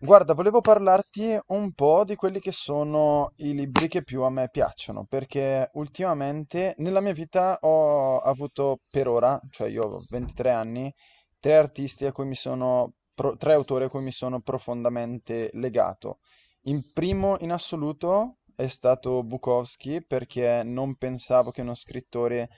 Guarda, volevo parlarti un po' di quelli che sono i libri che più a me piacciono, perché ultimamente nella mia vita ho avuto per ora, cioè io ho 23 anni, tre artisti a cui mi sono, tre autori a cui mi sono profondamente legato. In primo in assoluto è stato Bukowski, perché non pensavo che uno scrittore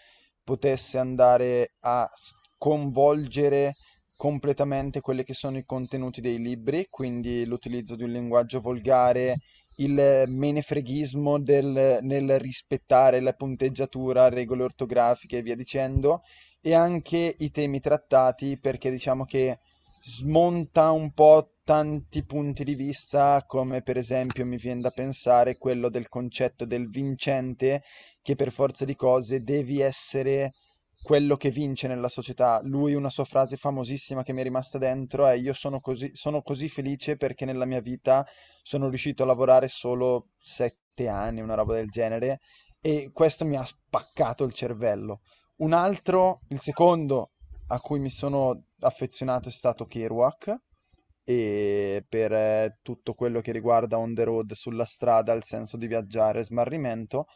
potesse andare a convolgere completamente quelli che sono i contenuti dei libri, quindi l'utilizzo di un linguaggio volgare, il menefreghismo nel rispettare la punteggiatura, regole ortografiche e via dicendo, e anche i temi trattati perché diciamo che smonta un po' tanti punti di vista, come per esempio mi viene da pensare quello del concetto del vincente, che per forza di cose devi essere quello che vince nella società. Lui, una sua frase famosissima che mi è rimasta dentro è: Io sono così felice perché nella mia vita sono riuscito a lavorare solo sette anni, una roba del genere. E questo mi ha spaccato il cervello. Un altro, il secondo a cui mi sono affezionato è stato Kerouac. E per tutto quello che riguarda on the road, sulla strada, il senso di viaggiare, smarrimento.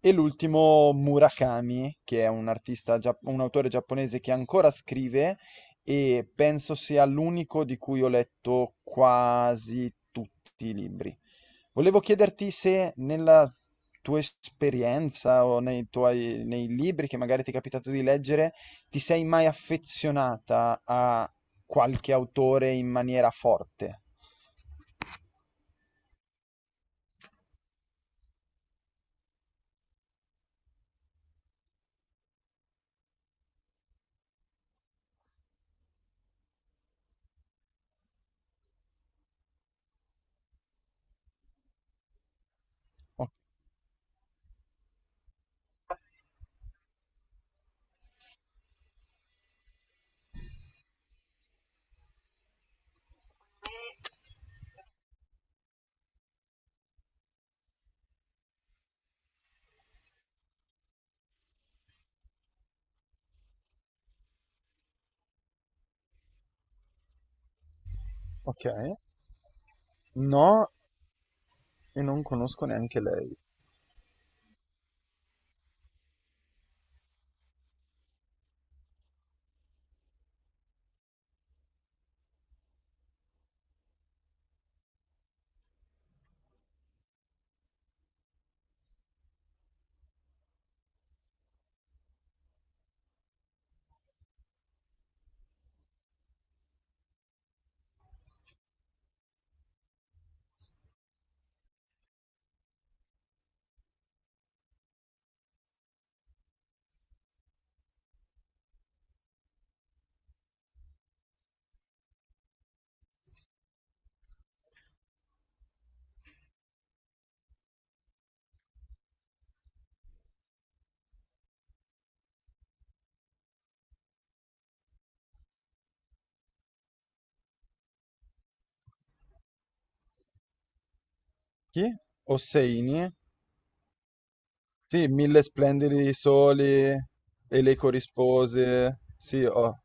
E l'ultimo Murakami, che è un artista, un autore giapponese che ancora scrive e penso sia l'unico di cui ho letto quasi tutti i libri. Volevo chiederti se nella tua esperienza o nei nei libri che magari ti è capitato di leggere, ti sei mai affezionata a qualche autore in maniera forte? O- Ok, no, e non conosco neanche lei. Chi? Osseini? Sì, mille splendidi soli e le corrispose. Sì, oh,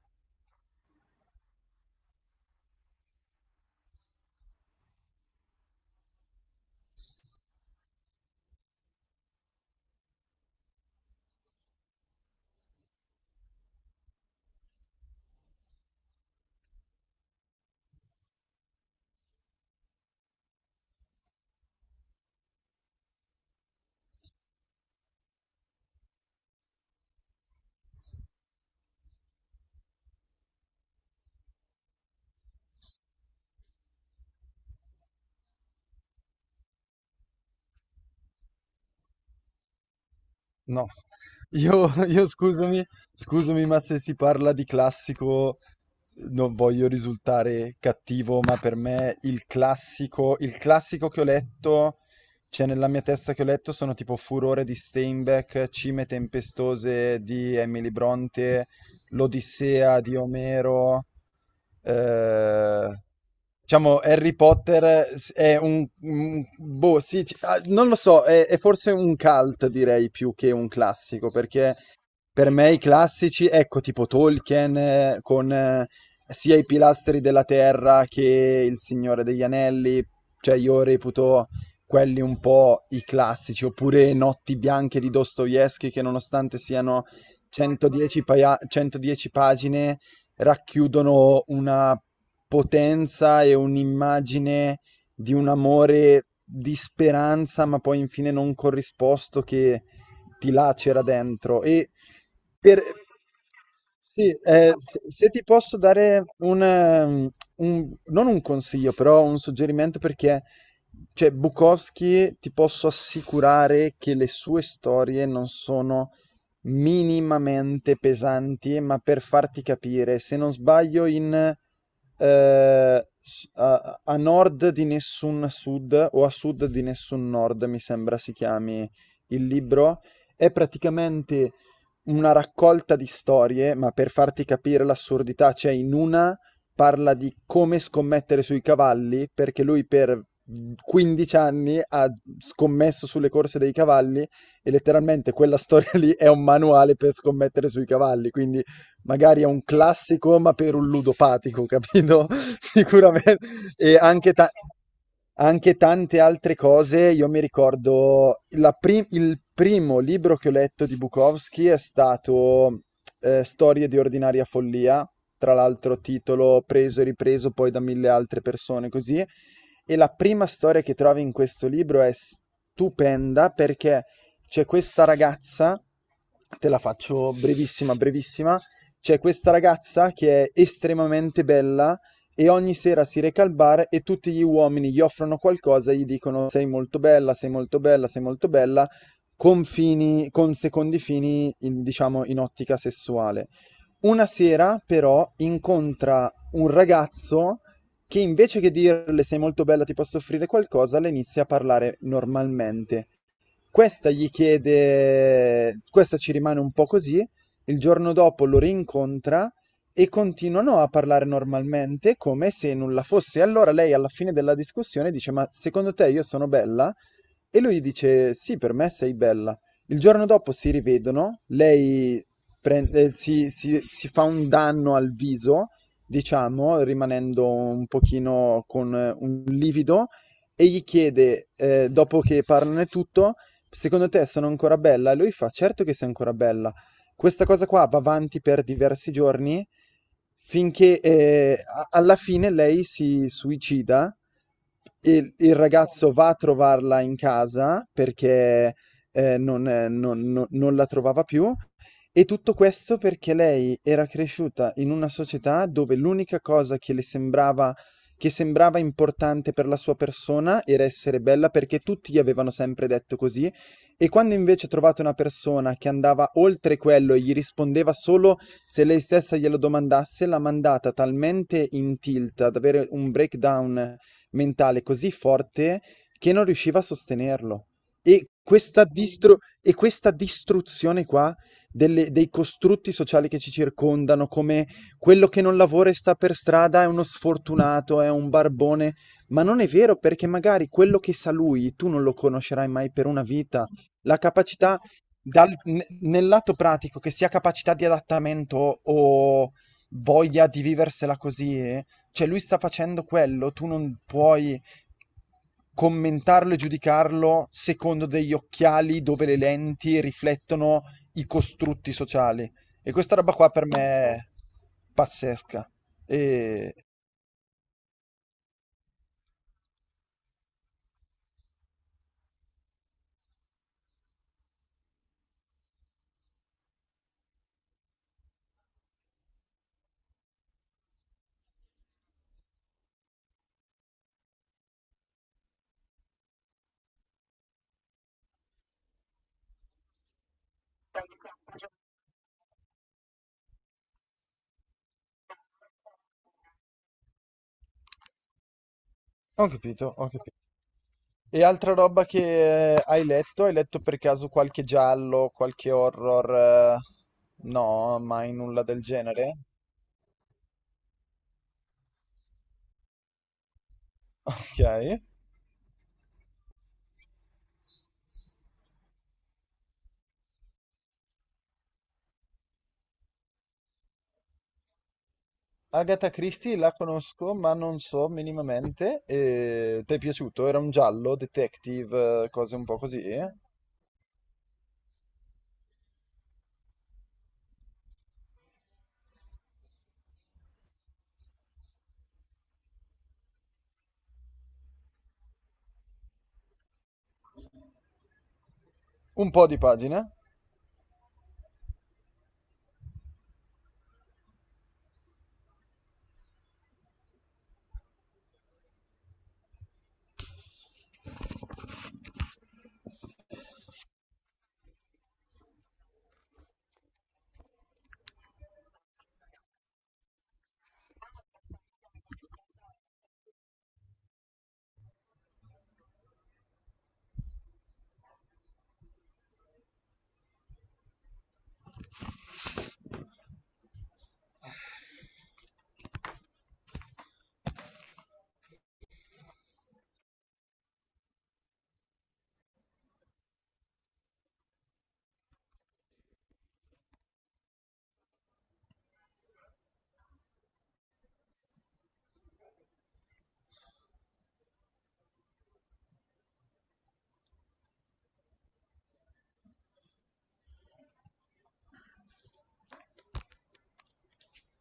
no. Io, scusami, scusami, ma se si parla di classico, non voglio risultare cattivo, ma per me il classico che ho letto, cioè nella mia testa che ho letto, sono tipo Furore di Steinbeck, Cime tempestose di Emily Bronte, L'Odissea di Omero. eh, diciamo Harry Potter è boh, sì, ah, non lo so, è forse un cult direi più che un classico, perché per me i classici, ecco, tipo Tolkien con sia i pilastri della terra che il Signore degli Anelli, cioè io reputo quelli un po' i classici, oppure Notti bianche di Dostoevsky che nonostante siano 110 pagine racchiudono una potenza e un'immagine di un amore di speranza, ma poi infine non corrisposto che di là c'era dentro. E per, sì, se ti posso dare non un consiglio, però un suggerimento perché, cioè, Bukowski ti posso assicurare che le sue storie non sono minimamente pesanti, ma per farti capire, se non sbaglio, a nord di nessun sud o a sud di nessun nord, mi sembra si chiami il libro. È praticamente una raccolta di storie, ma per farti capire l'assurdità, cioè in una parla di come scommettere sui cavalli, perché lui per 15 anni ha scommesso sulle corse dei cavalli e letteralmente quella storia lì è un manuale per scommettere sui cavalli, quindi magari è un classico, ma per un ludopatico, capito? Sicuramente. E anche, anche tante altre cose. Io mi ricordo la il primo libro che ho letto di Bukowski è stato Storie di ordinaria follia, tra l'altro titolo preso e ripreso poi da mille altre persone così. E la prima storia che trovi in questo libro è stupenda perché c'è questa ragazza, te la faccio brevissima, brevissima, c'è questa ragazza che è estremamente bella e ogni sera si reca al bar e tutti gli uomini gli offrono qualcosa e gli dicono sei molto bella, sei molto bella, sei molto bella, con fini, con secondi fini, diciamo, in ottica sessuale. Una sera però incontra un ragazzo che invece che dirle sei molto bella, ti posso offrire qualcosa, le inizia a parlare normalmente. Questa gli chiede, questa ci rimane un po' così, il giorno dopo lo rincontra e continuano a parlare normalmente come se nulla fosse. Allora lei alla fine della discussione dice: Ma secondo te io sono bella? E lui dice: Sì, per me sei bella. Il giorno dopo si rivedono, lei si fa un danno al viso, diciamo, rimanendo un pochino con un livido, e gli chiede, dopo che parlano e tutto, Secondo te sono ancora bella? E lui fa: Certo che sei ancora bella. Questa cosa qua va avanti per diversi giorni finché alla fine lei si suicida. Il ragazzo va a trovarla in casa perché non la trovava più. E tutto questo perché lei era cresciuta in una società dove l'unica cosa che le sembrava, che sembrava importante per la sua persona era essere bella perché tutti gli avevano sempre detto così e quando invece trovate una persona che andava oltre quello e gli rispondeva solo se lei stessa glielo domandasse, l'ha mandata talmente in tilt ad avere un breakdown mentale così forte che non riusciva a sostenerlo. E e questa distruzione qua dei costrutti sociali che ci circondano, come quello che non lavora e sta per strada è uno sfortunato, è un barbone, ma non è vero perché magari quello che sa lui tu non lo conoscerai mai per una vita. La capacità nel lato pratico, che sia capacità di adattamento o voglia di viversela così, cioè lui sta facendo quello, tu non puoi commentarlo e giudicarlo secondo degli occhiali dove le lenti riflettono i costrutti sociali. E questa roba qua per me è pazzesca. E ho capito, ho capito. E altra roba che hai letto? Hai letto per caso qualche giallo, qualche horror? Eh? No, mai nulla del genere? Ok. Agatha Christie la conosco, ma non so minimamente. E... ti è piaciuto? Era un giallo, detective, cose un po' così? Eh? Un po' di pagina?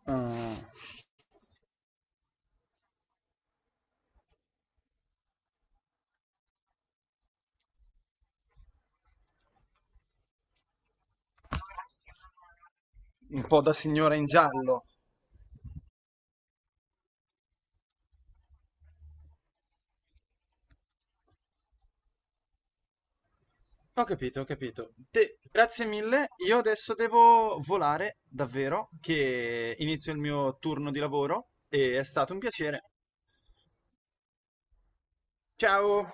Ah, un po' da signora in giallo. Ho capito, ho capito. Grazie mille. Io adesso devo volare, davvero, che inizio il mio turno di lavoro e è stato un piacere. Ciao!